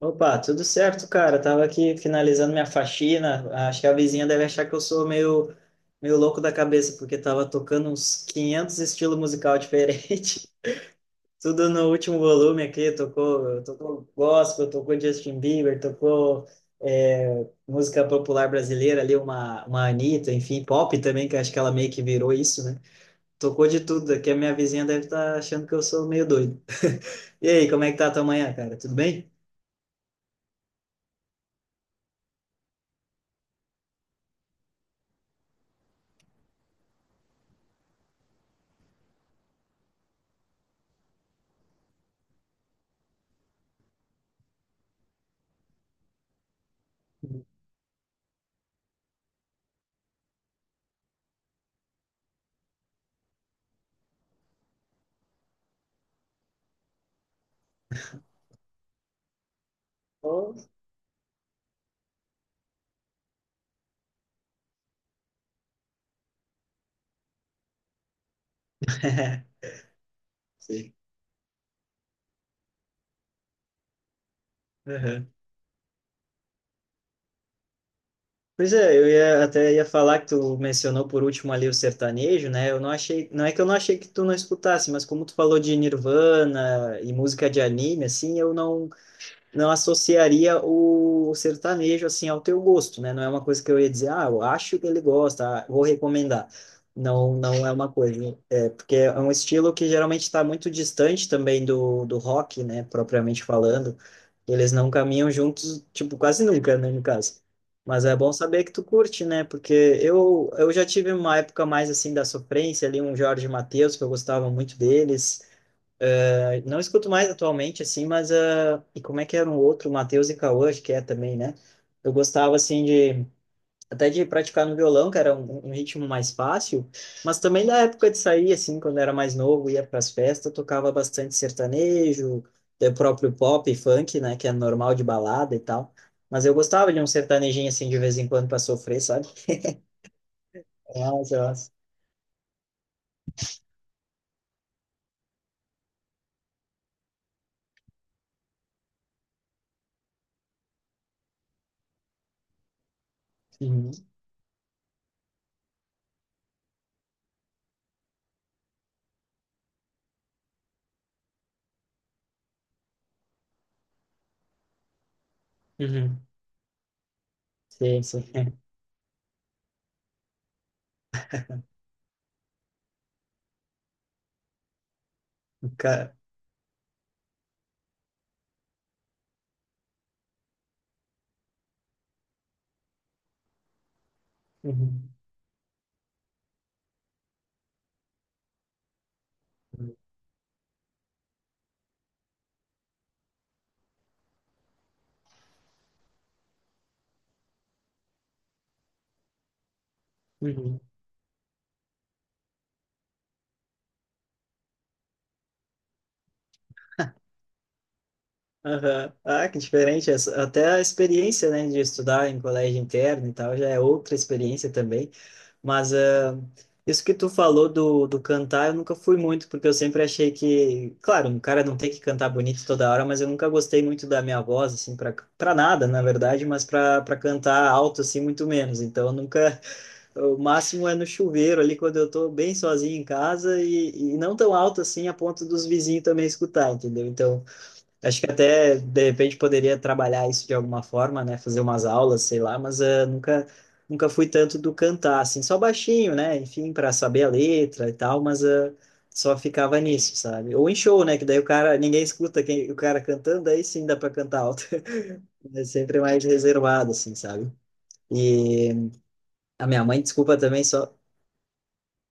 Opa, tudo certo, cara? Tava aqui finalizando minha faxina. Acho que a vizinha deve achar que eu sou meio louco da cabeça, porque tava tocando uns 500 estilos musical diferentes. Tudo no último volume aqui. Tocou gospel, tocou Justin Bieber, tocou música popular brasileira ali, uma Anitta, enfim, pop também, que acho que ela meio que virou isso, né? Tocou de tudo. Aqui a minha vizinha deve estar achando que eu sou meio doido. E aí, como é que tá a tua manhã, cara? Tudo bem? Ô, Sim. Uhum. Pois é, eu ia, até ia falar que tu mencionou por último ali o sertanejo, né? Eu não achei, não é que eu não achei que tu não escutasse, mas como tu falou de Nirvana e música de anime, assim, eu não associaria o sertanejo assim ao teu gosto, né? Não é uma coisa que eu ia dizer, ah, eu acho que ele gosta, ah, vou recomendar. Não, não é uma coisa, é porque é um estilo que geralmente está muito distante também do rock, né? Propriamente falando, eles não caminham juntos, tipo, quase nunca, né, no caso. Mas é bom saber que tu curte, né? Porque eu já tive uma época mais assim da sofrência ali, um Jorge Mateus, que eu gostava muito deles. Não escuto mais atualmente, assim, mas... ah, e como é que era um outro? Matheus e Cauã, acho que é também, né? Eu gostava, assim, de... Até de praticar no violão, que era um ritmo mais fácil. Mas também da época de sair, assim, quando era mais novo, ia para as festas, tocava bastante sertanejo, o próprio pop e funk, né? Que é normal de balada e tal. Mas eu gostava de um sertanejinho, assim, de vez em quando para sofrer, sabe? Nossa, nossa. Uhum. Uhum. Sim, sim. O Cara. Uhum. Uhum. Aham. Ah, que diferente. Até a experiência, né, de estudar em colégio interno e tal, já é outra experiência também. Mas ah, isso que tu falou do cantar, eu nunca fui muito, porque eu sempre achei que, claro, um cara não tem que cantar bonito toda hora, mas eu nunca gostei muito da minha voz, assim, para para nada, na verdade, mas para cantar alto, assim, muito menos. Então, eu nunca. O máximo é no chuveiro ali, quando eu tô bem sozinho em casa e não tão alto assim a ponto dos vizinhos também escutar, entendeu? Então. Acho que até, de repente, poderia trabalhar isso de alguma forma, né? Fazer umas aulas, sei lá, mas nunca fui tanto do cantar, assim, só baixinho, né? Enfim, para saber a letra e tal, mas só ficava nisso, sabe? Ou em show, né? Que daí o cara, ninguém escuta quem, o cara cantando, aí sim dá para cantar alto. É sempre mais reservado, assim, sabe? E a minha mãe, desculpa também, só.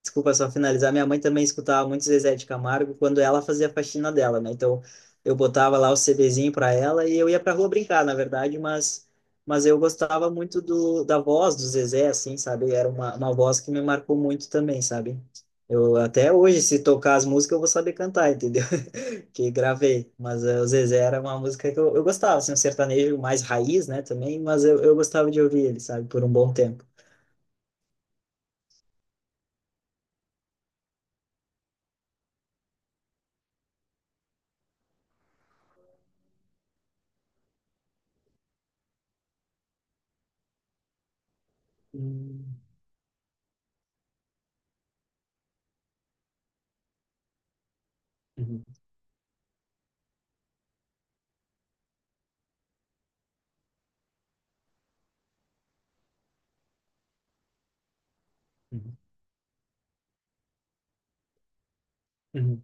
Desculpa só finalizar. Minha mãe também escutava muito Zezé de Camargo quando ela fazia a faxina dela, né? Então eu botava lá o CDzinho para ela e eu ia para rua brincar, na verdade, mas eu gostava muito do da voz do Zezé, assim, sabe? Era uma voz que me marcou muito também, sabe? Eu até hoje, se tocar as músicas, eu vou saber cantar, entendeu? Que gravei. Mas eh, o Zezé era uma música que eu gostava, assim, um sertanejo mais raiz, né, também, mas eu gostava de ouvir ele, sabe, por um bom tempo. Hum, uhum, uhum, uhum,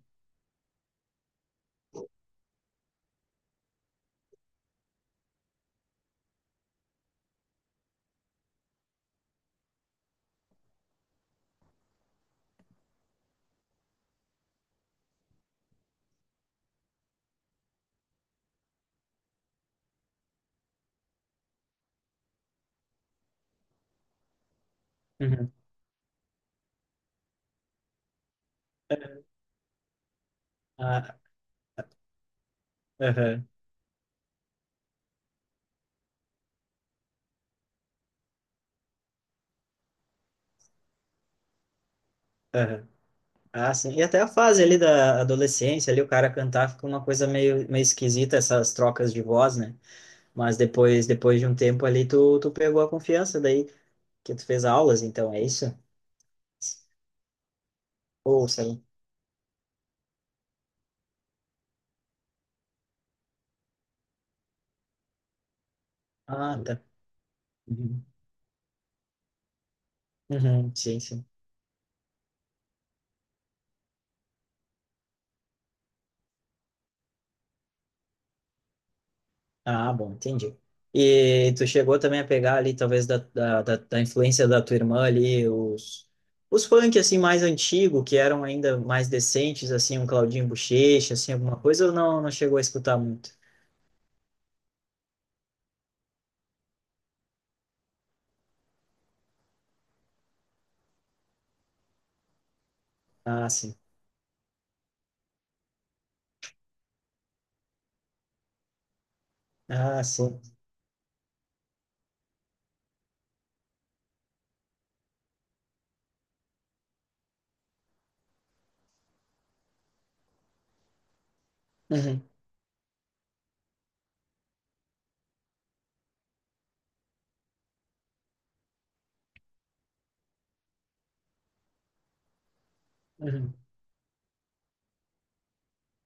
uhum. Ah, aham, aham. Ah, sim. E até a fase ali da adolescência, ali o cara cantar fica uma coisa meio esquisita, essas trocas de voz, né? Mas depois de um tempo ali, tu pegou a confiança daí, que tu fez aulas, então, é isso? Ou, sei lá. Ah, tá. Uhum. Uhum, sim, sim. Ah, bom, entendi. E tu chegou também a pegar ali, talvez, da influência da tua irmã ali, os funk, assim, mais antigo, que eram ainda mais decentes, assim, um Claudinho Buchecha, assim, alguma coisa, ou não, não chegou a escutar muito? Ah, sim. Ah, sim. Uhum, uhum.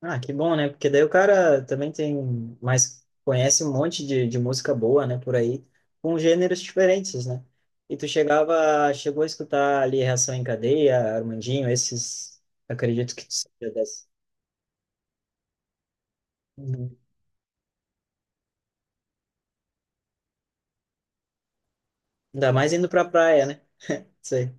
Ah, que bom, né? Porque daí o cara também tem mais, conhece um monte de música boa, né, por aí, com gêneros diferentes, né? E tu chegava, chegou a escutar ali Reação em Cadeia, Armandinho, esses, acredito que tu seja dessa. Uhum. Ainda mais indo pra praia, né? Sei.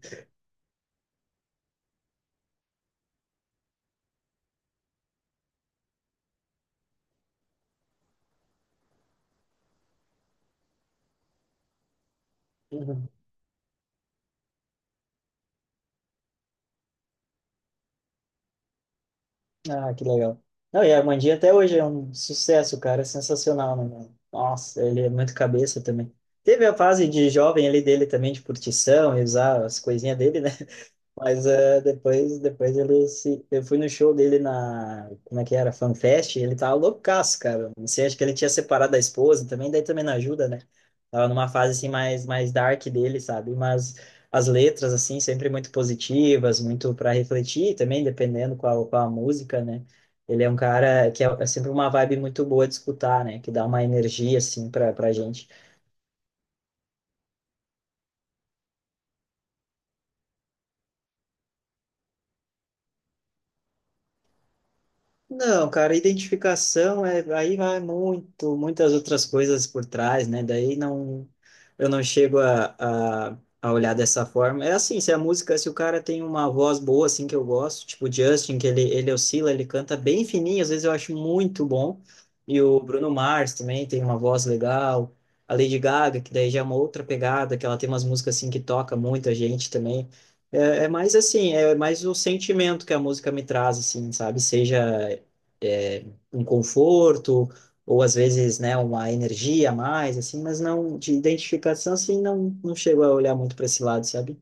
Uhum. Ah, que legal. Não, e Armandinho até hoje é um sucesso, cara, é sensacional, né, mano? Nossa, ele é muito cabeça também. Teve a fase de jovem ali dele também, de curtição e usar as coisinhas dele, né? Mas é, depois ele se. Eu fui no show dele na. Como é que era? FanFest, ele tava loucaço, cara. Não sei, acho que ele tinha separado da esposa também, daí também não ajuda, né? Tava numa fase assim mais dark dele, sabe? Mas as letras, assim, sempre muito positivas, muito para refletir também, dependendo qual a música, né? Ele é um cara que é, é sempre uma vibe muito boa de escutar, né? Que dá uma energia, assim, pra, pra gente. Não, cara, identificação é aí vai muito, muitas outras coisas por trás, né? Daí não eu não chego a, a olhar dessa forma. É assim, se a música, se o cara tem uma voz boa assim que eu gosto, tipo o Justin, que ele oscila, ele canta bem fininho, às vezes eu acho muito bom. E o Bruno Mars também tem uma voz legal. A Lady Gaga, que daí já é uma outra pegada, que ela tem umas músicas assim que toca muita gente também. É mais assim, é mais o sentimento que a música me traz, assim, sabe? Seja é, um conforto, ou às vezes, né, uma energia a mais, assim, mas não, de identificação, assim, não, não chego a olhar muito para esse lado, sabe?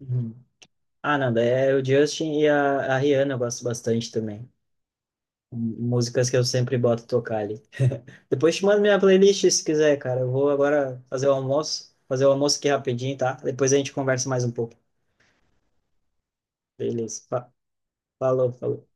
Uhum. Ah, não, daí é o Justin e a Rihanna eu gosto bastante também. Músicas que eu sempre boto tocar ali. Depois te mando minha playlist se quiser, cara. Eu vou agora fazer o almoço aqui rapidinho, tá? Depois a gente conversa mais um pouco. Beleza. Falou, falou.